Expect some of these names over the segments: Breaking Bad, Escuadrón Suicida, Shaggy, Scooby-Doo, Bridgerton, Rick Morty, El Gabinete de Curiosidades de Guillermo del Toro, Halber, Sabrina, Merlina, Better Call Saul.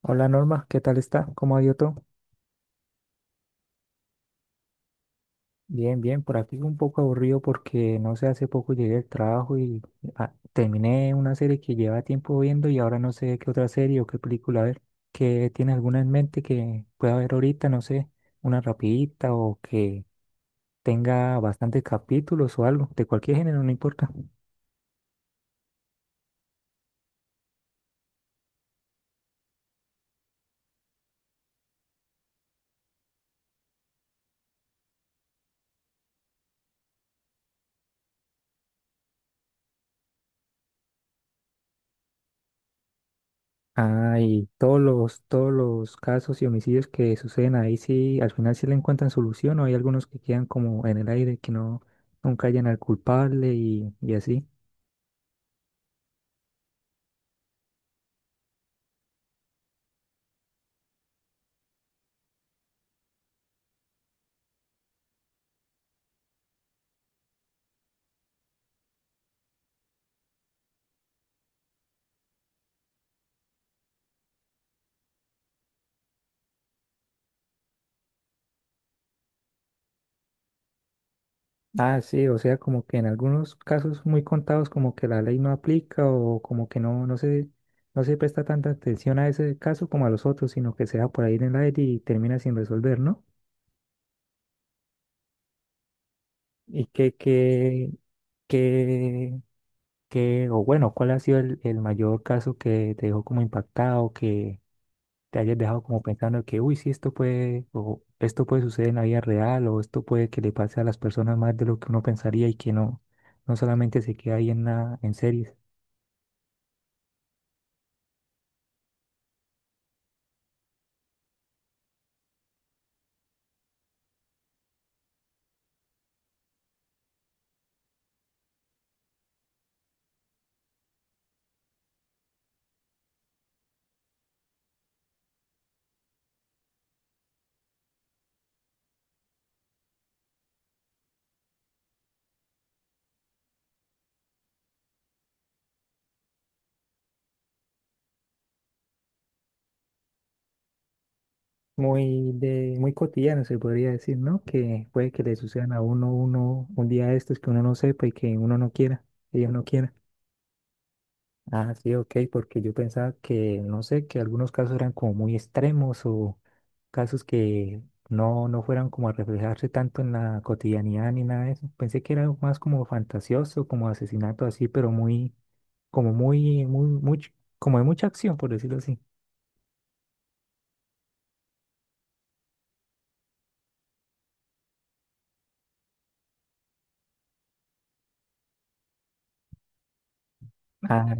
Hola Norma, ¿qué tal está? ¿Cómo ha ido todo? Bien, bien, por aquí un poco aburrido porque no sé, hace poco llegué del trabajo y terminé una serie que lleva tiempo viendo y ahora no sé qué otra serie o qué película ver. ¿Qué tiene alguna en mente que pueda ver ahorita? No sé, una rapidita o que tenga bastantes capítulos o algo, de cualquier género, no importa. Ah, y todos los casos y homicidios que suceden ahí, sí, al final sí le encuentran solución o hay algunos que quedan como en el aire, que no, nunca hallan al culpable y, así. Ah, sí, o sea, como que en algunos casos muy contados como que la ley no aplica o como que no, no se presta tanta atención a ese caso como a los otros, sino que se va por ahí en el aire y termina sin resolver, ¿no? Y que que, o bueno, ¿cuál ha sido el mayor caso que te dejó como impactado, que te hayas dejado como pensando que, uy, sí, esto puede, o esto puede suceder en la vida real, o esto puede que le pase a las personas más de lo que uno pensaría y que no, no solamente se queda ahí en la, en series? Muy de, muy cotidiano se podría decir, ¿no? Que puede que le sucedan a uno, uno, un día de estos que uno no sepa y que uno no quiera, ellos no quieran. Ah, sí, ok, porque yo pensaba que, no sé, que algunos casos eran como muy extremos o casos que no, no fueran como a reflejarse tanto en la cotidianidad ni nada de eso. Pensé que era más como fantasioso, como asesinato así, pero muy, como mucho, como de mucha acción, por decirlo así. Ah,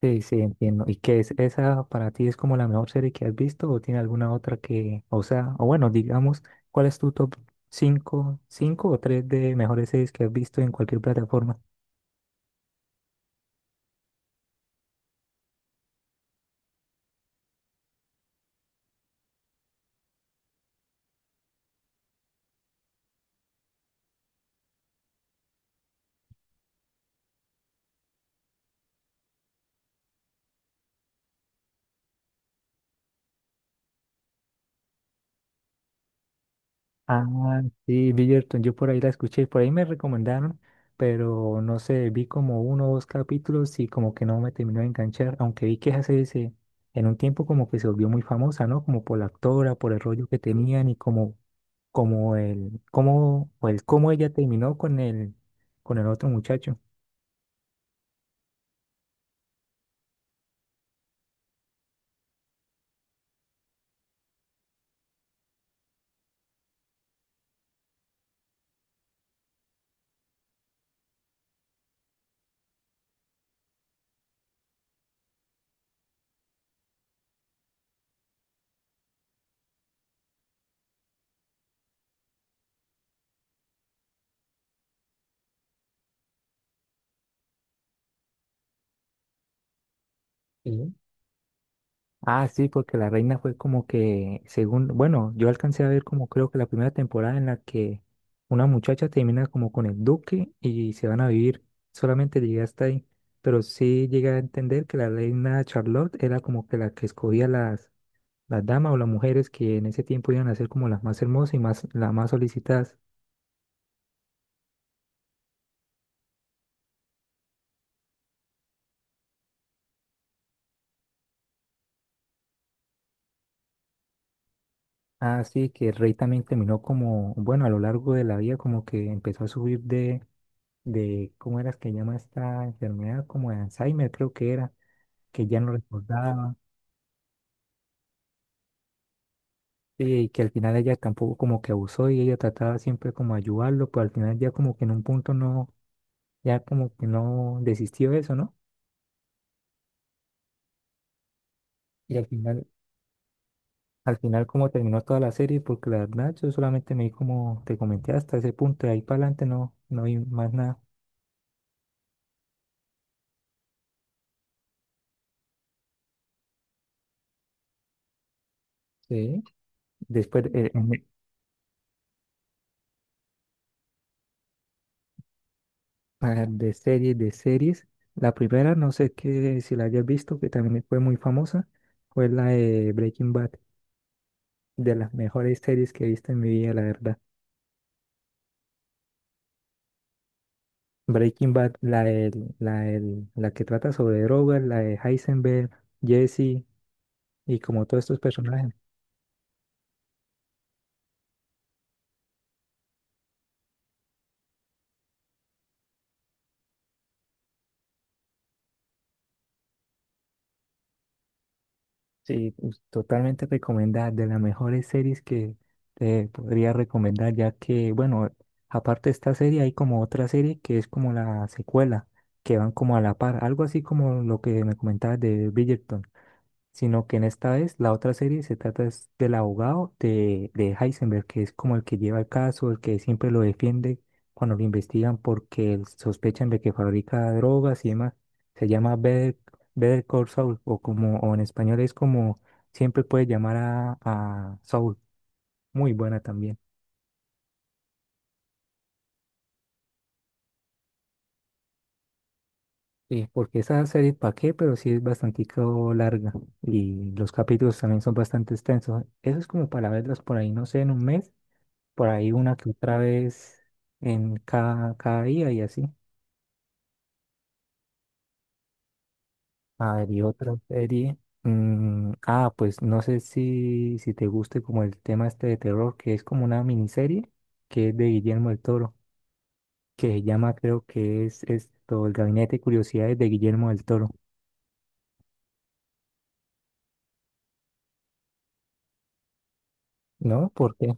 sí, sí, entiendo. ¿Y qué es esa para ti es como la mejor serie que has visto o tiene alguna otra que, o sea, o bueno, digamos, cuál es tu top cinco o 3 de mejores series que has visto en cualquier plataforma? Ah, sí, Bridgerton, yo por ahí la escuché, por ahí me recomendaron, pero no sé, vi como uno o dos capítulos y como que no me terminó de enganchar, aunque vi que en un tiempo como que se volvió muy famosa, ¿no? Como por la actora, por el rollo que tenían y como, como el, cómo, o el cómo ella terminó con el otro muchacho. Sí. Ah, sí, porque la reina fue como que, según, bueno, yo alcancé a ver como creo que la primera temporada en la que una muchacha termina como con el duque y se van a vivir, solamente llegué hasta ahí, pero sí llegué a entender que la reina Charlotte era como que la que escogía las damas o las mujeres que en ese tiempo iban a ser como las más hermosas y más, las más solicitadas. Ah, sí, que el rey también terminó como, bueno, a lo largo de la vida como que empezó a subir de, ¿cómo era que llama esta enfermedad? Como de Alzheimer creo que era que ya no recordaba, sí, y que al final ella tampoco como que abusó y ella trataba siempre como de ayudarlo, pero al final ya como que en un punto no, ya como que no desistió de eso, ¿no? Y al final como terminó toda la serie, porque la verdad yo solamente me vi como te comenté hasta ese punto, de ahí para adelante no, no vi más nada. Sí. Después, para de series, la primera, no sé qué, si la hayas visto, que también fue muy famosa, fue la de Breaking Bad, de las mejores series que he visto en mi vida, la verdad. Breaking Bad, la que trata sobre drogas, la de Heisenberg, Jesse y como todos estos personajes. Sí, pues, totalmente recomendada, de las mejores series que te podría recomendar, ya que, bueno, aparte de esta serie hay como otra serie que es como la secuela, que van como a la par, algo así como lo que me comentabas de Bridgerton. Sino que en esta vez la otra serie se trata es del abogado de Heisenberg, que es como el que lleva el caso, el que siempre lo defiende cuando lo investigan porque él sospechan de que fabrica drogas y demás. Se llama Better Call Saul, o como o en español es como siempre puedes llamar a Saul. Muy buena también. Sí, porque esa serie, ¿para qué? Pero sí es bastante larga y los capítulos también son bastante extensos. Eso es como para verlas por ahí, no sé, en un mes por ahí una que otra vez en cada día y así. A ver, y otra serie. Pues no sé si, si te guste como el tema este de terror, que es como una miniserie que es de Guillermo del Toro, que se llama, creo que es esto, El Gabinete de Curiosidades de Guillermo del Toro. ¿No? ¿Por qué?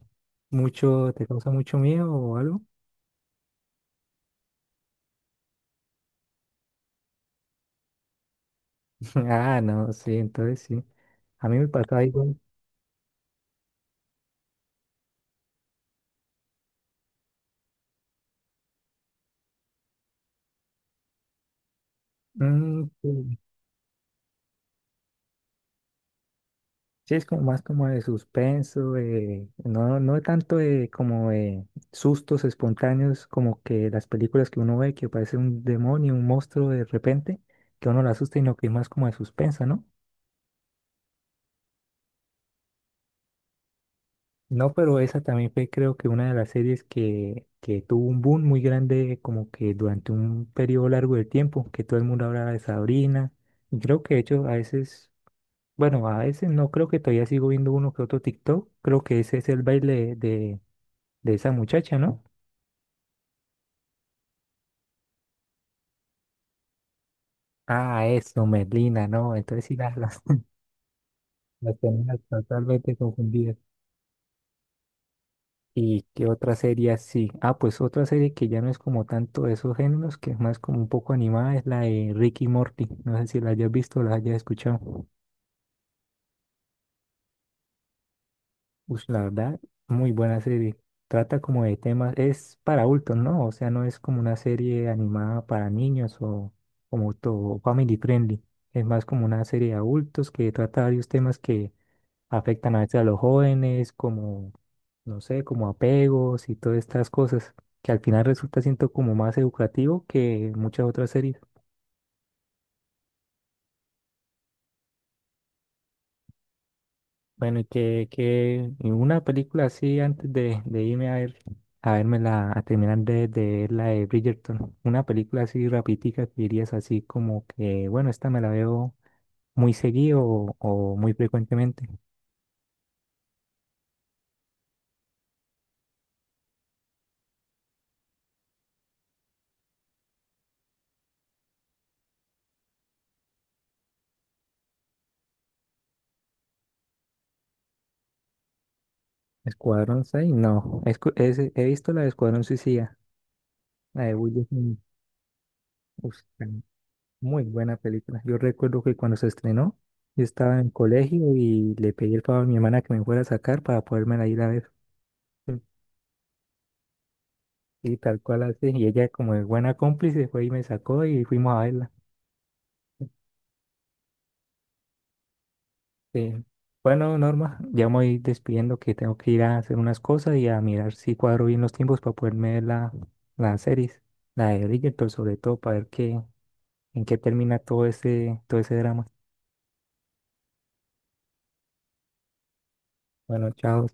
¿Mucho, te causa mucho miedo o algo? Ah, no, sí, entonces sí. A mí me pasaba igual. Mm, sí. Sí, es como más como de suspenso, no, no tanto de como de sustos espontáneos como que las películas que uno ve que aparece un demonio, un monstruo de repente, que uno lo asusta, y no que es más como de suspenso, ¿no? No, pero esa también fue creo que una de las series que tuvo un boom muy grande como que durante un periodo largo de tiempo, que todo el mundo hablaba de Sabrina, y creo que de hecho a veces, bueno, a veces no, creo que todavía sigo viendo uno que otro TikTok, creo que ese es el baile de esa muchacha, ¿no? Ah, eso, Merlina, no. Entonces sí las tenía totalmente confundidas. ¿Y qué otra serie así? Ah, pues otra serie que ya no es como tanto de esos géneros, que es más como un poco animada, es la de Ricky Morty. No sé si la hayas visto o la hayas escuchado. Pues la verdad, muy buena serie. Trata como de temas, es para adultos, ¿no? O sea, no es como una serie animada para niños o como todo family friendly. Es más como una serie de adultos que trata varios temas que afectan a veces a los jóvenes, como, no sé, como apegos y todas estas cosas, que al final resulta siento como más educativo que muchas otras series. Bueno, y que, y una película así antes de irme a ver, a vérmela, a terminar de ver la de Bridgerton, una película así rapidica que dirías así como que, bueno, esta me la veo muy seguido o muy frecuentemente. Escuadrón 6, no, he visto la de Escuadrón Suicida, la de Will Smith. Uf, muy buena película. Yo recuerdo que cuando se estrenó, yo estaba en el colegio y le pedí el favor a mi hermana que me fuera a sacar para podérmela ir a ver. Y tal cual así. Y ella, como de buena cómplice, fue y me sacó y fuimos a verla. Eh, bueno, Norma, ya me voy despidiendo que tengo que ir a hacer unas cosas y a mirar si cuadro bien los tiempos para poderme ver la, la series, la de Bridgerton, sobre todo, para ver qué, en qué termina todo ese drama. Bueno, chao.